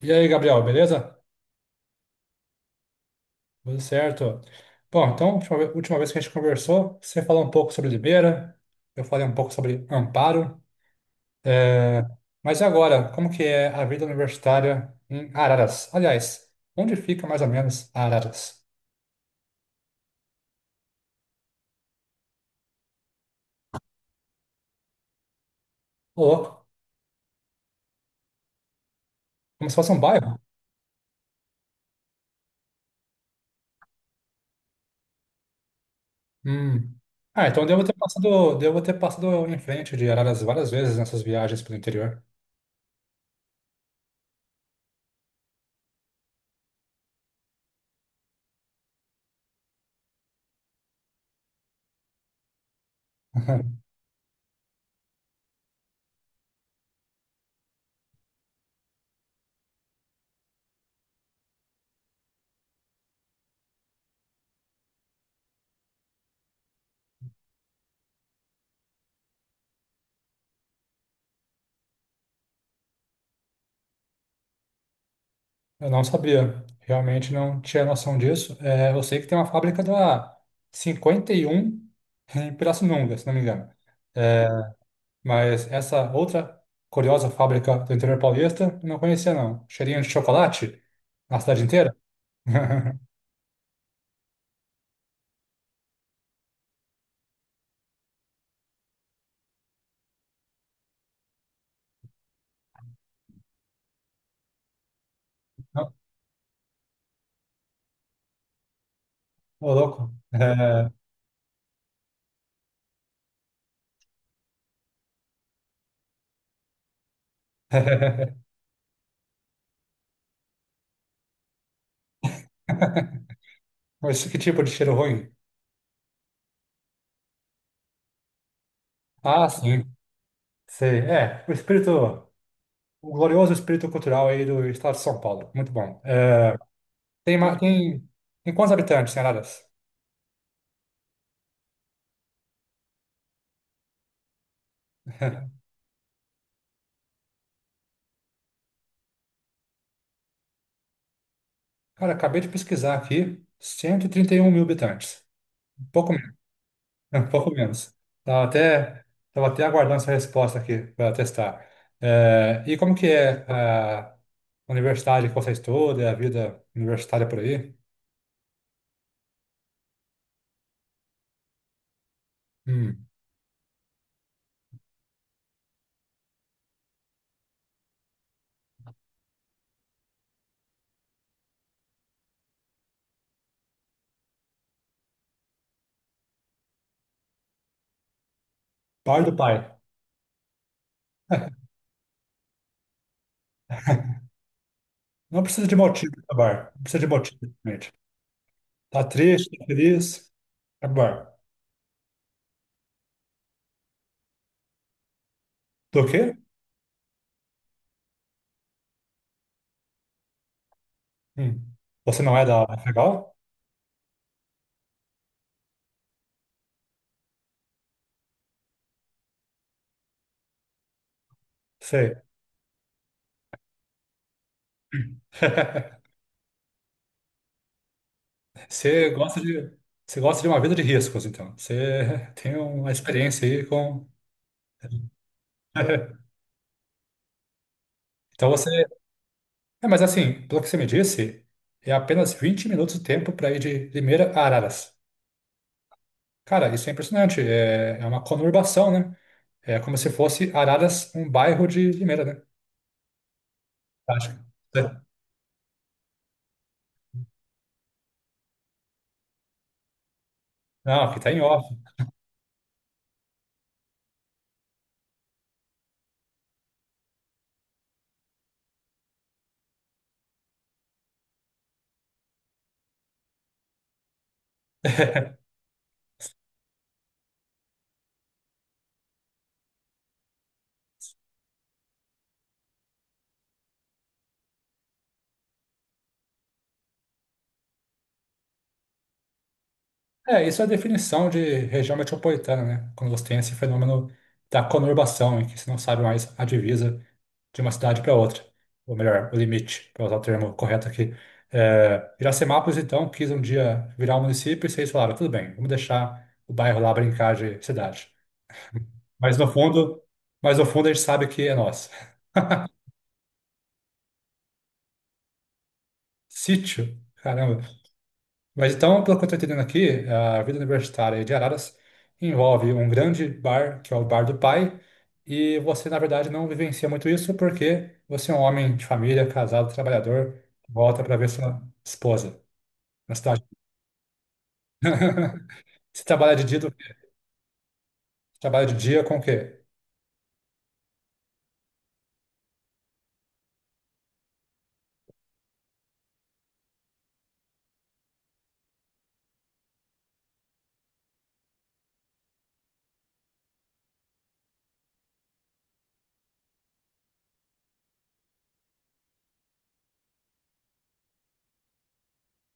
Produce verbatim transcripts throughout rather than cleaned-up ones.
E aí, Gabriel, beleza? Tudo certo. Bom, então, última ve- última vez que a gente conversou, você falou um pouco sobre Limeira, eu falei um pouco sobre Amparo. É, mas e agora, como que é a vida universitária em Araras? Aliás, onde fica mais ou menos Araras? Ô, louco, como se fosse um bairro? Hum. Ah, então eu devo ter passado, devo ter passado em frente de Araras várias vezes nessas viagens pelo interior. Eu não sabia, realmente não tinha noção disso. É, eu sei que tem uma fábrica da cinquenta e um em Pirassununga, se não me engano. É, mas essa outra curiosa fábrica do interior paulista, eu não conhecia não. Cheirinho de chocolate na cidade inteira? Não. Ô, louco. É... Mas que tipo de cheiro ruim? Ah, sim. Sei. É, o espírito, o glorioso espírito cultural aí do estado de São Paulo. Muito bom. É, Tem, ma- tem, tem quantos habitantes em Araras? Cara, acabei de pesquisar aqui, cento e e trinta e um mil habitantes. Um pouco menos, um pouco menos. Tava até, tava até aguardando essa resposta aqui para testar. É, e como que é a universidade que você estuda, a vida universitária por aí? Hum, pai do pai. Não precisa de motivo para bar. Não precisa de motivo, gente. Tá triste, tá feliz? Tá bar. Do quê? Hum, você não é da FEGAL? Sei. Você gosta de, você gosta de uma vida de riscos, então. Você tem uma experiência aí com. Então você. É, mas assim, pelo que você me disse, é apenas vinte minutos de tempo para ir de Limeira a Araras. Cara, isso é impressionante. É, é uma conurbação, né? É como se fosse Araras um bairro de Limeira, né? Acho. Que- é. Não, aqui tá em off. É, isso é a definição de região metropolitana, né? Quando você tem esse fenômeno da conurbação, em que você não sabe mais a divisa de uma cidade para outra, ou melhor, o limite, para usar o termo correto aqui. É, Iracemápolis, então, quis um dia virar um município e vocês falaram, tudo bem, vamos deixar o bairro lá brincar de cidade. Mas no fundo, mas no fundo a gente sabe que é nosso. Sítio? Caramba. Mas então, pelo que eu estou entendendo aqui, a vida universitária de Araras envolve um grande bar, que é o bar do pai, e você, na verdade, não vivencia muito isso porque você é um homem de família, casado, trabalhador, volta para ver sua esposa na cidade. Você trabalha de dia, do- trabalha de dia com o quê?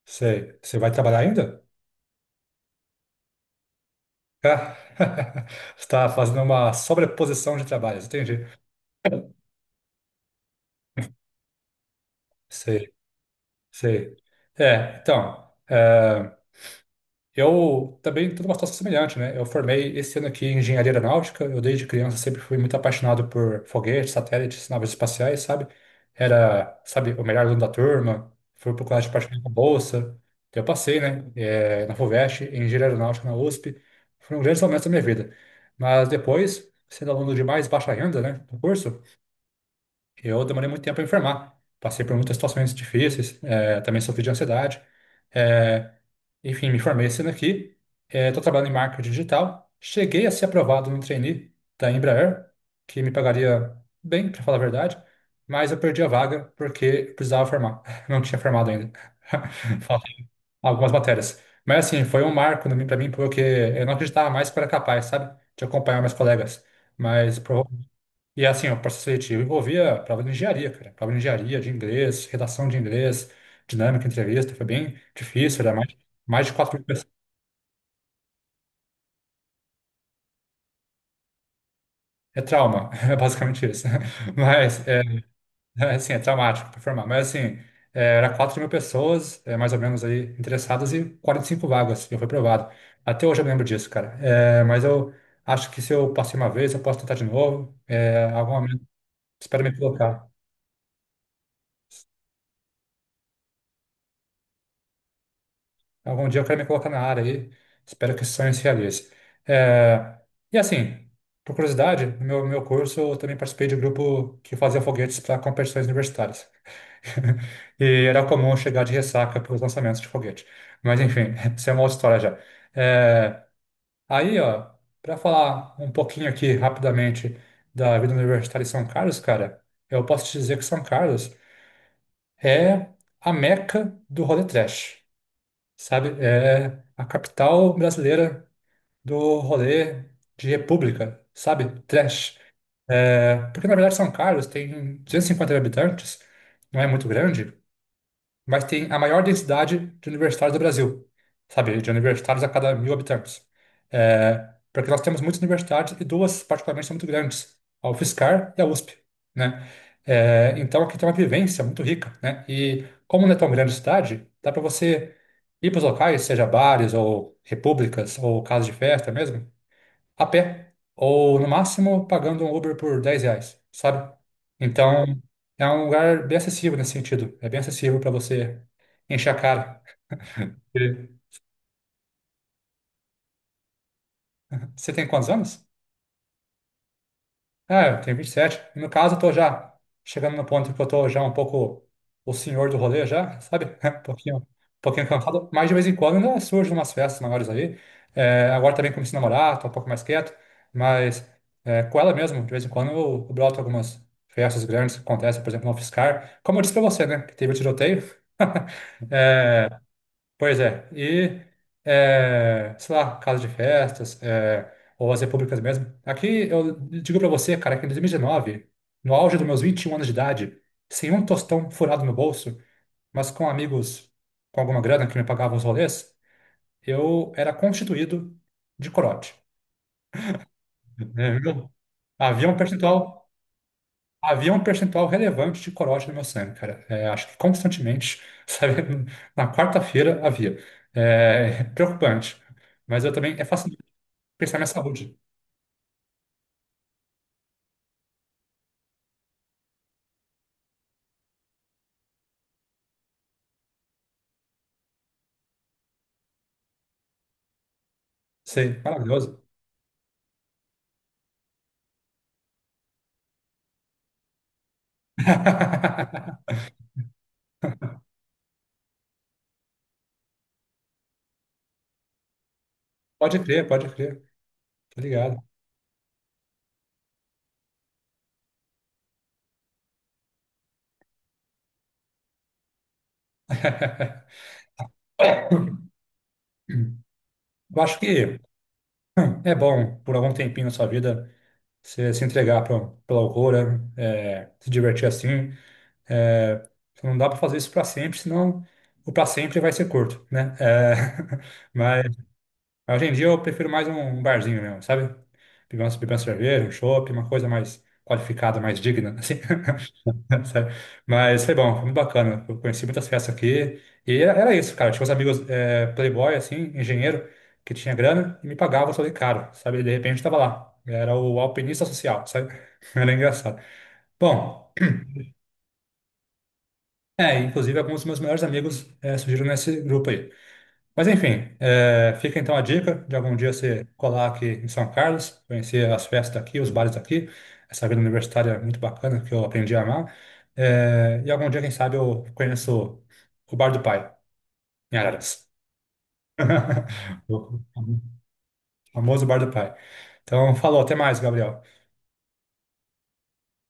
Sei. Você vai trabalhar ainda? Ah, você está fazendo uma sobreposição de trabalhos, entendi. Sei, sei. É, então. eh, Eu também estou numa situação semelhante, né? Eu formei esse ano aqui em engenharia aeronáutica. Eu, desde criança, sempre fui muito apaixonado por foguetes, satélites, naves espaciais, sabe? Era, sabe, o melhor aluno da turma. Fui pro colégio particular com bolsa. Eu passei, né? eh, na FUVEST, em engenharia aeronáutica na U S P. Foram grandes momentos da minha vida. Mas depois, sendo aluno de mais baixa renda, né? No curso, eu demorei muito tempo para enfermar. Passei por muitas situações difíceis, eh, também sofri de ansiedade. Eh, enfim, me formei esse ano aqui. Estou trabalhando em marketing digital. Cheguei a ser aprovado no trainee da Embraer, que me pagaria bem, para falar a verdade, mas eu perdi a vaga porque eu precisava formar. Não tinha formado ainda. Faltam algumas matérias. Mas assim, foi um marco para mim, pra mim, porque eu não acreditava mais que eu era capaz, sabe, de acompanhar meus colegas. Mas prova- e é assim, o processo seletivo envolvia prova de engenharia, cara. Prova de engenharia, de inglês, redação de inglês, dinâmica, entrevista. Foi bem difícil, era mais, mais de quatro mil pessoas. É trauma, é basicamente isso. Mas, é, é, assim, é traumático performar. Mas, assim, é, era quatro mil pessoas, é, mais ou menos, aí, interessadas e quarenta e cinco vagas. Eu fui aprovado. Até hoje eu me lembro disso, cara. É, mas eu acho que se eu passei uma vez, eu posso tentar de novo. É, algum momento, espero me colocar. Algum dia eu quero me colocar na área aí. Espero que esse sonho se realize. É, e assim, por curiosidade, no meu, meu curso eu também participei de um grupo que fazia foguetes para competições universitárias. E era comum chegar de ressaca para os lançamentos de foguete. Mas enfim, isso é uma outra história já. É, aí, ó, para falar um pouquinho aqui rapidamente da vida universitária em São Carlos, cara, eu posso te dizer que São Carlos é a meca do rolê trash, sabe? É a capital brasileira do rolê de república, sabe? Trash. É, porque na verdade São Carlos tem duzentos e cinquenta habitantes, não é muito grande, mas tem a maior densidade de universitários do Brasil, sabe? De universitários a cada mil habitantes. É, porque nós temos muitas universidades e duas, particularmente, são muito grandes, a UFSCar e a U S P, né? É, então aqui tem uma vivência muito rica, né? E como não é tão grande a cidade, dá para você ir para os locais, seja bares ou repúblicas ou casas de festa mesmo, a pé, ou no máximo pagando um Uber por dez reais, sabe? Então, é um lugar bem acessível nesse sentido. É bem acessível para você encher a cara. E você tem quantos anos? É, eu tenho vinte e sete. E sete. E no caso, eu tô já chegando no ponto que eu tô já um pouco o senhor do rolê já, sabe? Um pouquinho, um pouquinho cansado. Mas de vez em quando ainda surgem umas festas maiores aí. É, agora também comecei a namorar, tô um pouco mais quieto. Mas é, com ela mesmo, de vez em quando eu, eu broto algumas festas grandes que acontecem, por exemplo, no Fiscar. Como eu disse pra você, né? Que teve o tiroteio. É, pois é, e, é, sei lá, casa de festas, é, ou as repúblicas mesmo. Aqui eu digo pra você, cara, que em dois mil e dezenove, no auge dos meus vinte e um anos de idade, sem um tostão furado no bolso, mas com amigos com alguma grana que me pagavam os rolês, eu era constituído de corote. É, meu, havia um percentual. Havia um percentual relevante de corote no meu sangue, cara. É, acho que constantemente, sabe? Na quarta-feira havia. É, preocupante. Mas eu também, é fácil pensar na minha saúde. Sei, maravilhoso. Pode crer, pode crer. Tô ligado. Eu acho que é bom, por algum tempinho na sua vida, você se entregar pra, pela loucura, é, se divertir assim. É, não dá para fazer isso para sempre, senão o para sempre vai ser curto, né? É, mas hoje em dia eu prefiro mais um um barzinho mesmo, sabe? Beber uma, beber uma cerveja, um chopp, uma coisa mais qualificada, mais digna, assim, sabe? Mas foi bom, foi muito bacana. Eu conheci muitas festas aqui e era, era isso, cara. Tinha uns amigos é, playboy, assim, engenheiro, que tinha grana e me pagava só de caro, sabe? E de repente estava lá. Era o alpinista social, sabe? Era engraçado. Bom. É, inclusive alguns dos meus melhores amigos é, surgiram nesse grupo aí. Mas enfim, é, fica então a dica de algum dia você colar aqui em São Carlos, conhecer as festas daqui, os bares daqui, essa vida universitária é muito bacana que eu aprendi a amar. É, e algum dia, quem sabe, eu conheço o Bar do Pai, em Araras. O famoso Bar do Pai. Então, falou, até mais, Gabriel.